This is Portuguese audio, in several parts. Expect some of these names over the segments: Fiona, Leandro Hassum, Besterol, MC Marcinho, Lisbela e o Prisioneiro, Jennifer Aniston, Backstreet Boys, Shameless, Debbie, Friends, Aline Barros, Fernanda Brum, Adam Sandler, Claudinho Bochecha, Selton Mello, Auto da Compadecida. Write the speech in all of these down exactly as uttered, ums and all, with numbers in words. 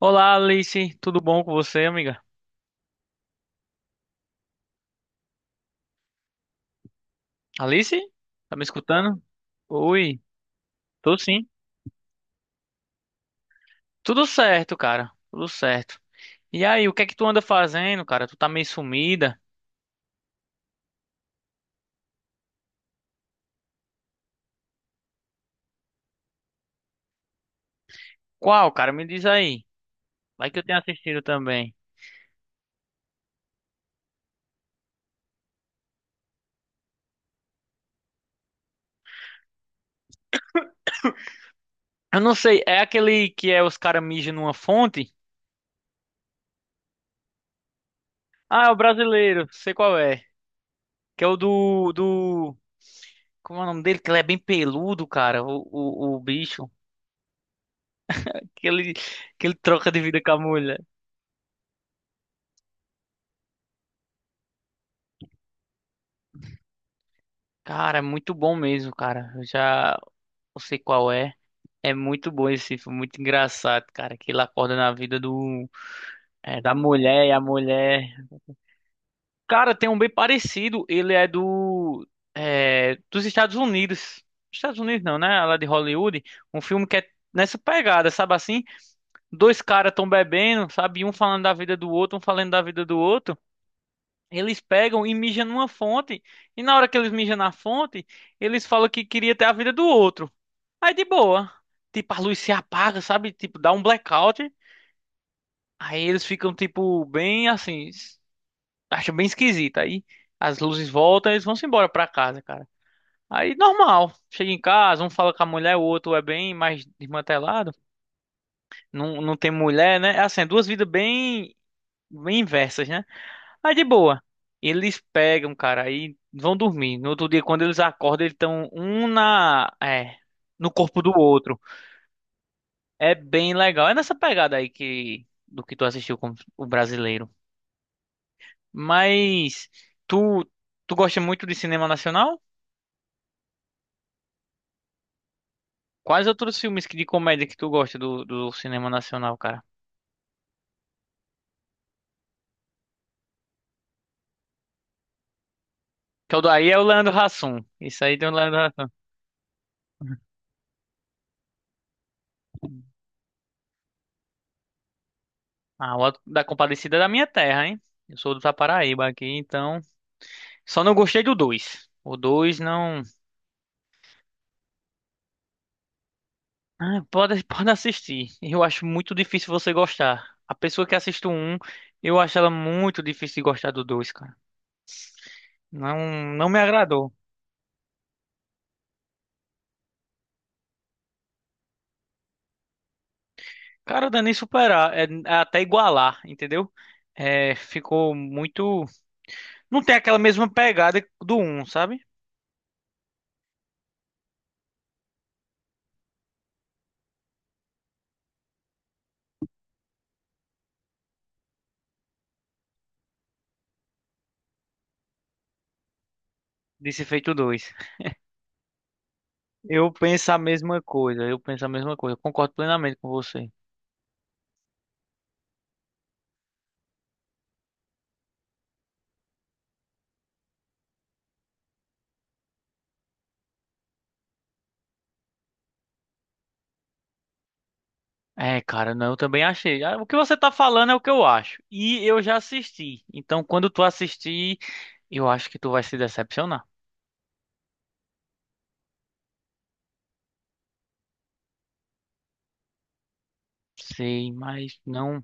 Olá, Alice. Tudo bom com você, amiga? Alice? Tá me escutando? Oi, tô sim. Tudo certo, cara. Tudo certo. E aí, o que é que tu anda fazendo, cara? Tu tá meio sumida. Qual, cara? Me diz aí. Vai que eu tenho assistido também. Eu não sei, é aquele que é os caras mijam numa fonte? Ah, é o brasileiro, sei qual é. Que é o do, do... Como é o nome dele? Que ele é bem peludo, cara, o, o, o bicho. Que ele, que ele troca de vida com a mulher. Cara, é muito bom mesmo, cara. Eu já eu sei qual é. É muito bom esse filme, muito engraçado, cara. Que ele acorda na vida do é, da mulher e a mulher. Cara, tem um bem parecido. Ele é do é, dos Estados Unidos. Estados Unidos não, né? Lá de Hollywood. Um filme que é nessa pegada, sabe assim? Dois caras tão bebendo, sabe? E um falando da vida do outro, um falando da vida do outro. Eles pegam e mijam numa fonte. E na hora que eles mijam na fonte, eles falam que queria ter a vida do outro. Aí de boa. Tipo, a luz se apaga, sabe? Tipo, dá um blackout. Aí eles ficam, tipo, bem assim. s- Acham bem esquisito. Aí as luzes voltam e eles vão se embora pra casa, cara. Aí normal. Chega em casa, um fala com a mulher, o outro é bem mais desmantelado. Não, não tem mulher, né? É assim, é duas vidas bem, bem inversas, né? Aí de boa. Eles pegam, cara, aí vão dormir. No outro dia, quando eles acordam, eles estão um na, é, no corpo do outro. É bem legal. É nessa pegada aí que do que tu assistiu com o brasileiro. Mas tu tu gosta muito de cinema nacional? Quais outros filmes que- de comédia que tu gosta do, do cinema nacional, cara? Que é o Daí é o Leandro Hassum. Isso aí tem o Leandro Hassum. Ah, o Auto da Compadecida é da minha terra, hein? Eu sou do Paraíba aqui, então só não gostei do dois. O dois não. Ah, pode pode assistir. Eu acho muito difícil você gostar. A pessoa que assiste o um, eu acho ela muito difícil de gostar do dois, cara. Não, não me agradou. Cara, não é nem superar, é, é até igualar, entendeu? É, ficou muito. Não tem aquela mesma pegada do um, sabe? De se feito dois. Eu penso a mesma coisa, eu penso a mesma coisa, eu concordo plenamente com você. É, cara, não, eu também achei. Ah, o que você tá falando é o que eu acho. E eu já assisti. Então, quando tu assistir, eu acho que tu vai se decepcionar. Sei, mas não.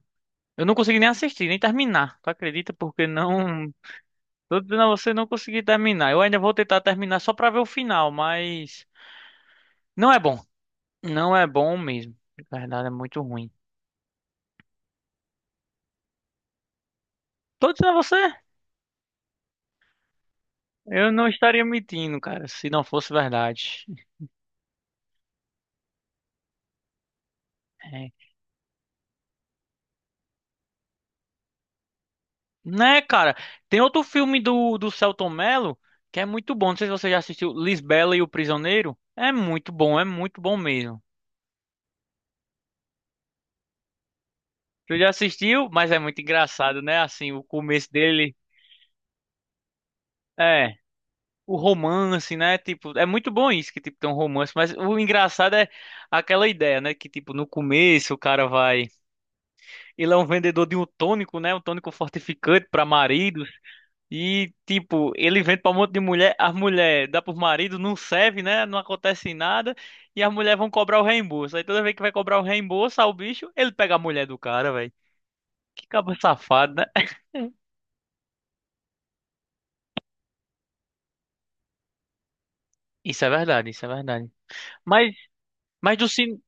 Eu não consegui nem assistir, nem terminar. Tu acredita? Porque não. Tô dizendo a você, não consegui terminar. Eu ainda vou tentar terminar só pra ver o final, mas não é bom. Não é bom mesmo. Na verdade, é muito ruim. Tô dizendo a você, eu não estaria mentindo, cara, se não fosse verdade. É. Né, cara? Tem outro filme do, do Selton Mello que é muito bom. Não sei se você já assistiu Lisbela e o Prisioneiro. É muito bom, é muito bom mesmo. Você já assistiu, mas é muito engraçado, né? Assim, o começo dele. É. O romance, né? Tipo, é muito bom isso que tipo tem um romance, mas o engraçado é aquela ideia, né, que tipo no começo o cara vai, ele é um vendedor de um tônico, né, um tônico fortificante para maridos e tipo, ele vende para um monte de mulher, as mulher dá pro marido, não serve, né? Não acontece nada e as mulheres vão cobrar o reembolso. Aí toda vez que vai cobrar o reembolso ao bicho, ele pega a mulher do cara, velho. Que cabo safado, né? Isso é verdade, isso é verdade. Mas, mas do, cin-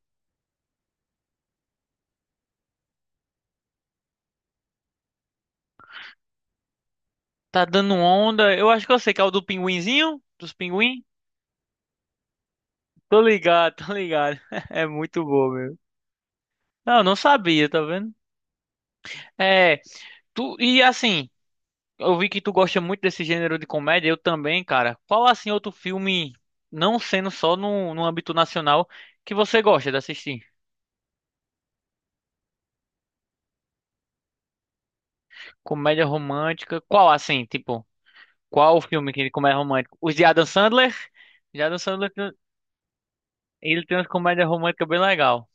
Tá dando onda. Eu acho que eu sei que é o do pinguinzinho, dos pinguim. Tô ligado, tô ligado. É muito bom, meu. Não, não sabia, tá vendo? É, tu e assim, eu vi que tu gosta muito desse gênero de comédia, eu também, cara. Qual assim outro filme, não sendo só no, no âmbito nacional, que você gosta de assistir? Comédia romântica. Qual assim, tipo, qual o filme que ele comédia romântica? Os de Adam Sandler? De Adam Sandler, ele tem umas comédias românticas bem legal.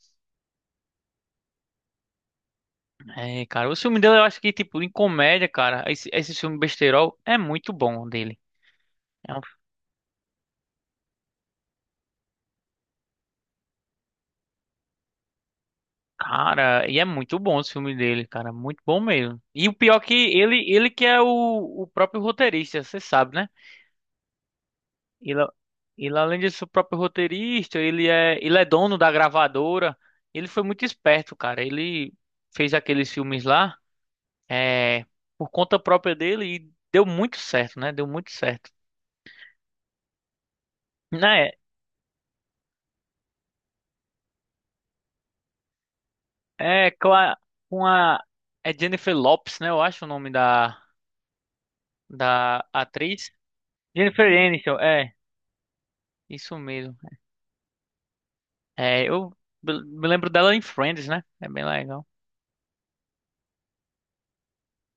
É, cara, o filme dele eu acho que, tipo, em comédia, cara, esse, esse filme Besterol é muito bom dele. É um, cara, e é muito bom o filme dele, cara, muito bom mesmo. E o pior que ele, ele que é o, o próprio roteirista, você sabe, né? Ele, é- ele além de ser o próprio roteirista, ele é, ele é dono da gravadora. Ele foi muito esperto, cara. Ele fez aqueles filmes lá, é, por conta própria dele e deu muito certo, né? Deu muito certo. Na É com a, com a- é Jennifer Lopes, né? Eu acho o nome da, da atriz. Jennifer Aniston, é, isso mesmo. É, eu me me lembro dela em Friends, né? É bem legal.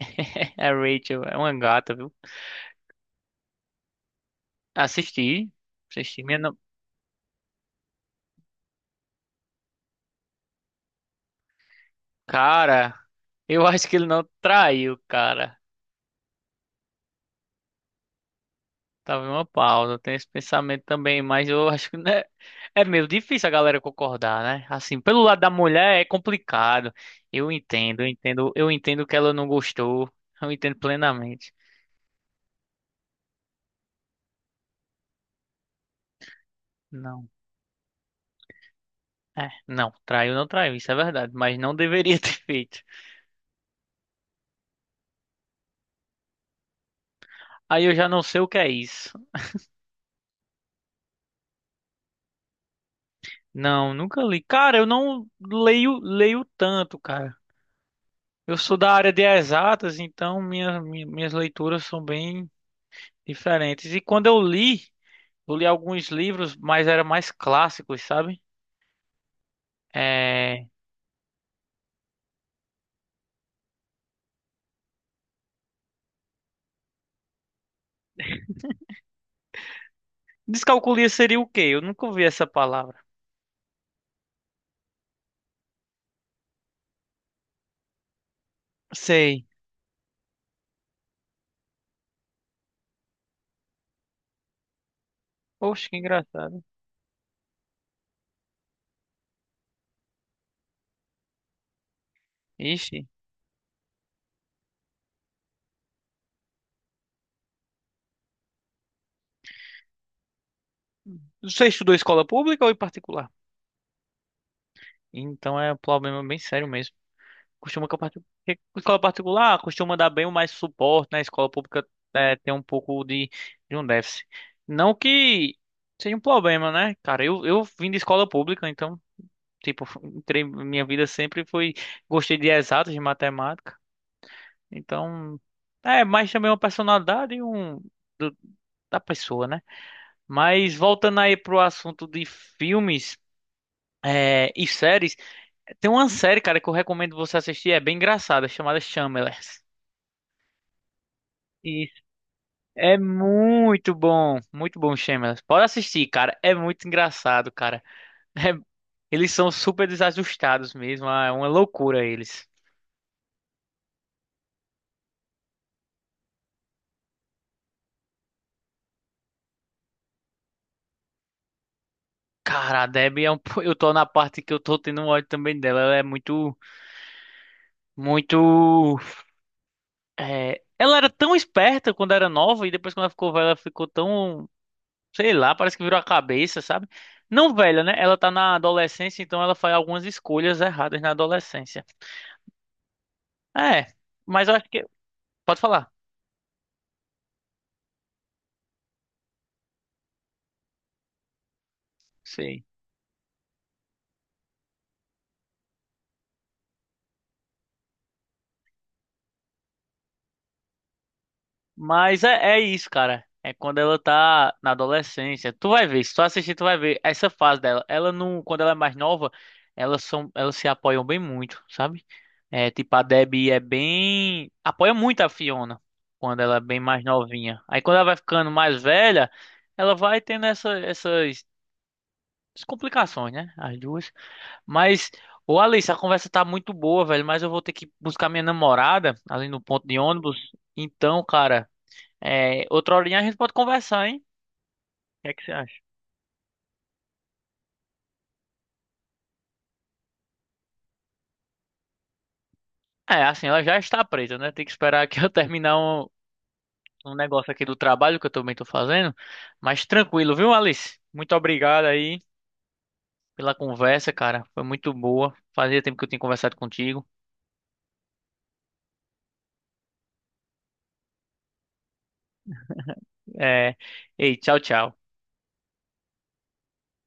É a Rachel, é uma gata, viu? Assisti, assisti. Minha, no- Cara, eu acho que ele não traiu, cara. Tava em uma pausa, eu tenho esse pensamento também, mas eu acho que né, é meio difícil a galera concordar, né? Assim, pelo lado da mulher é complicado. Eu entendo, eu entendo, eu entendo que ela não gostou. Eu entendo plenamente. Não, é, não, traiu, não traiu, isso é verdade, mas não deveria ter feito. Aí eu já não sei o que é isso. Não, nunca li. Cara, eu não leio, leio tanto, cara. Eu sou da área de exatas, então minha, minha- minhas leituras são bem diferentes. E quando eu li Eu li alguns livros, mas eram mais clássicos, sabe? É. Descalculia seria o quê? Eu nunca ouvi essa palavra. Sei. Poxa, que engraçado. Ixi. Você estudou escola pública ou em particular? Então é um problema bem sério mesmo. Costuma que a parti- que a escola particular costuma dar bem mais suporte, né? A escola pública é, tem um pouco de, de um déficit. Não que seja um problema, né? Cara, eu, eu vim de escola pública, então, tipo, entrei, minha vida sempre foi. Gostei de exatas, de matemática. Então, é mais também é uma personalidade e um do- da pessoa, né? Mas voltando aí pro assunto de filmes é, e séries, tem uma série, cara, que eu recomendo você assistir, é bem engraçada, chamada Shameless. E é muito bom, muito bom, Shameless. Pode assistir, cara, é muito engraçado, cara. É- Eles são super desajustados mesmo, é uma loucura eles. Cara, a Debbie é um, po- eu tô na parte que eu tô tendo um ódio também dela, ela é muito, muito. É, ela era tão esperta quando era nova e depois quando ela ficou velha, ela ficou tão, sei lá, parece que virou a cabeça, sabe? Não velha, né? Ela tá na adolescência, então ela faz algumas escolhas erradas na adolescência. É, mas eu acho que. Pode falar. Sei. Mas é, é isso, cara. É quando ela tá na adolescência. Tu vai ver, se tu assistir, tu vai ver essa fase dela. Ela não, quando ela é mais nova, elas são, elas se apoiam bem muito, sabe? É, tipo, a Debbie é bem, apoia muito a Fiona quando ela é bem mais novinha. Aí quando ela vai ficando mais velha, ela vai tendo essa, essas essas complicações, né? As duas. Mas, ô Alice, a conversa tá muito boa, velho, mas eu vou ter que buscar minha namorada ali no ponto de ônibus. Então, cara, é, outra horinha a gente pode conversar, hein? O que é que você acha? É, assim, ela já está presa, né? Tem que esperar que eu terminar um, um negócio aqui do trabalho que eu também tô fazendo. Mas tranquilo, viu, Alice? Muito obrigado aí pela conversa, cara. Foi muito boa. Fazia tempo que eu tinha conversado contigo. É, ei, tchau, tchau.